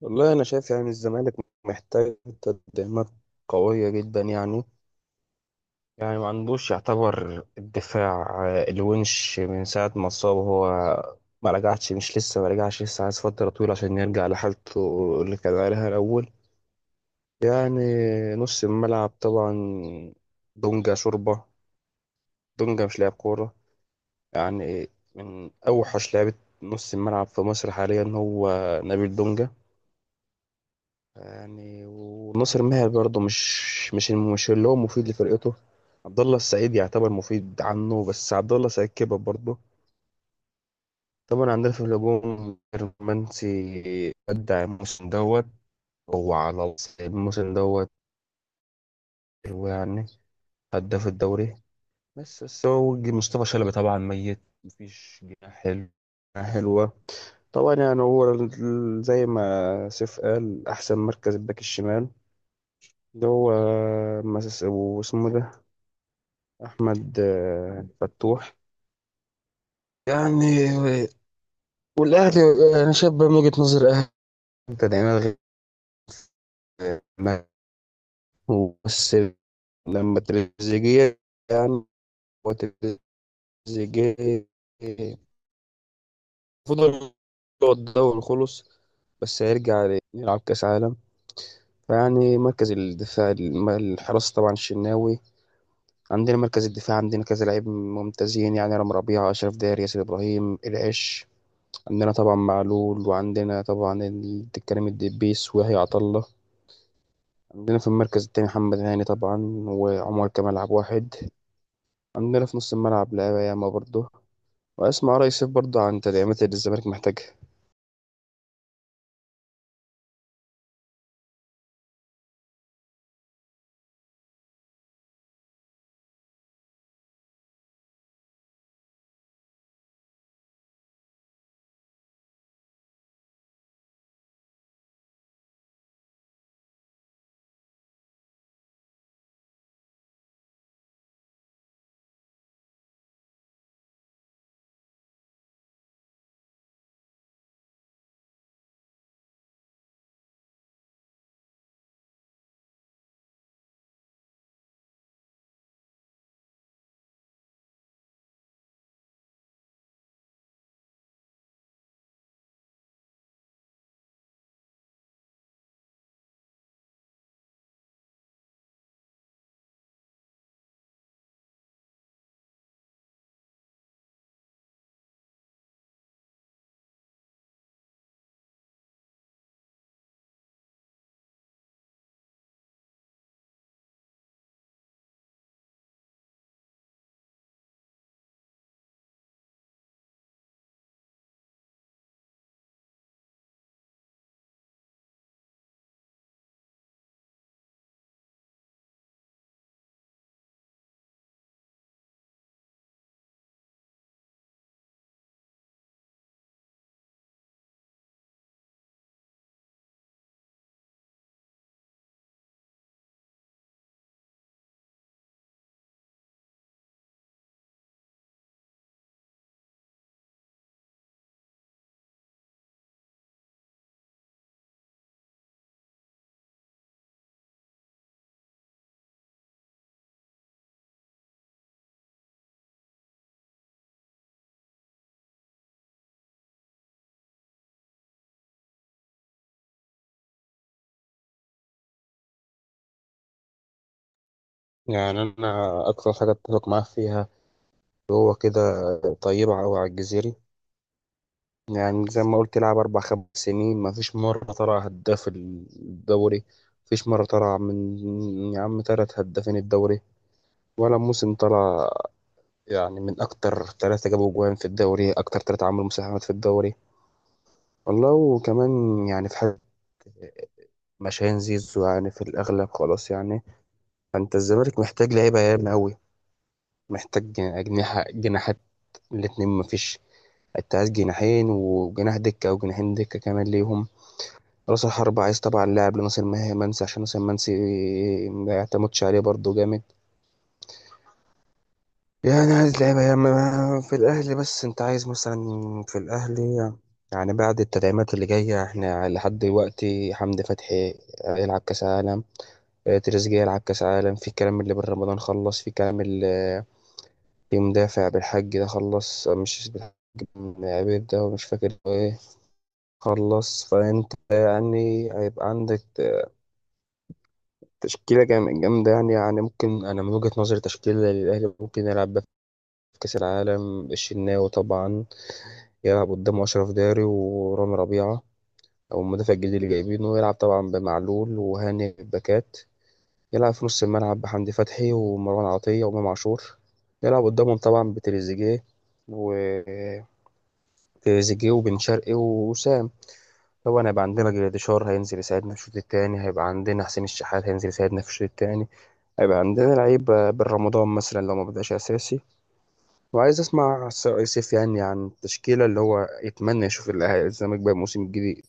والله، انا شايف يعني الزمالك محتاج تدعيمات قويه جدا. يعني ما عندوش، يعتبر الدفاع. الونش من ساعه ما اتصاب، هو ما رجعش، مش لسه ما رجعش، لسه عايز فتره طويله عشان يرجع لحالته اللي كان عليها الاول. يعني نص الملعب طبعا، دونجا شوربه، دونجا مش لاعب كوره، يعني من اوحش لعيبه. نص الملعب في مصر حاليا هو نبيل دونجا. يعني وناصر ماهر برضه مش اللي هو مفيد لفرقته. عبد الله السعيد يعتبر مفيد عنه، بس عبد الله السعيد كبر برضه. طبعا عندنا في الهجوم رومانسي، أدى الموسم دوت. هو على الموسم دوت، هو يعني هداف الدوري. بس هو مصطفى شلبي طبعا ميت، مفيش جناح حلو، جناح حلوة. طبعا يعني هو زي ما سيف قال أحسن مركز الباك الشمال، ده هو واسمه ده احمد فتوح. يعني والاهلي، انا شايف بقى من وجهة نظر اهلي، انت دايما غير ما- بس لما تريزيجيه، يعني هو تريزيجيه المفروض، هو الدوري خلص بس هيرجع يلعب كاس عالم. فيعني مركز الدفاع الحراسة طبعا الشناوي. عندنا مركز الدفاع عندنا كذا لعيب ممتازين، يعني رام ربيعة، أشرف داري، ياسر إبراهيم، العش. عندنا طبعا معلول، وعندنا طبعا الكريم الدبيس ويحيى عطا الله. عندنا في المركز التاني محمد هاني طبعا، وعمر كمال عبد الواحد. عندنا في نص الملعب لعيبة ياما برضه. وأسمع رأي سيف برضه عن تدعيمات اللي الزمالك محتاجها. يعني أنا أكتر حاجة أتفق معاه فيها، هو كده طيبة أوي على الجزيري. يعني زي ما قلت لعب 4 5 سنين، مفيش مرة طلع هداف الدوري، مفيش مرة طلع من يا عم تلات هدافين الدوري، ولا موسم طلع يعني من أكتر ثلاثة جابوا جوان في الدوري، أكتر ثلاثة عملوا مساهمات في الدوري والله. وكمان يعني في حاجة مشاهين زيزو، يعني في الأغلب خلاص يعني. فأنت الزمالك محتاج لعيبة ياما أوي، محتاج أجنحة، جناحات الاتنين مفيش. أنت عايز جناحين وجناح دكة، أو جناحين دكة كمان ليهم. رأس الحربة عايز طبعا لاعب لناصر منسي، عشان ناصر منسي ما يعتمدش عليه برضه جامد. يعني عايز لعيبة يا ما- في الأهلي. بس أنت عايز مثلا في الأهلي، يعني بعد التدعيمات اللي جاية إحنا لحد دلوقتي، حمدي فتحي هيلعب كأس عالم، تريزيجيه يلعب كأس عالم، في الكلام اللي بن رمضان خلص، في كلام اللي في مدافع بالحج ده خلص، مش بالحج، بن عبيد ده، مش فاكر هو إيه، خلص. فأنت يعني هيبقى عندك تشكيلة جامدة. يعني ممكن أنا من وجهة نظري تشكيلة للأهلي ممكن يلعب بيها في كأس العالم، الشناوي طبعا يلعب قدام أشرف داري ورامي ربيعة، أو المدافع الجديد اللي جايبينه، يلعب طبعا بمعلول وهاني باكات. يلعب في نص الملعب بحمدي فتحي ومروان عطية وإمام عاشور. يلعب قدامهم طبعا بتريزيجيه، و تريزيجيه وبن شرقي ووسام. طبعا هيبقى عندنا جراديشار هينزل يساعدنا في الشوط التاني، هيبقى عندنا حسين الشحات هينزل يساعدنا في الشوط التاني، هيبقى عندنا لعيب بن رمضان مثلا لو ما بدأش أساسي. وعايز أسمع يوسف، يعني عن التشكيلة اللي هو يتمنى يشوف اللي هيلزمك بقى الموسم الجديد.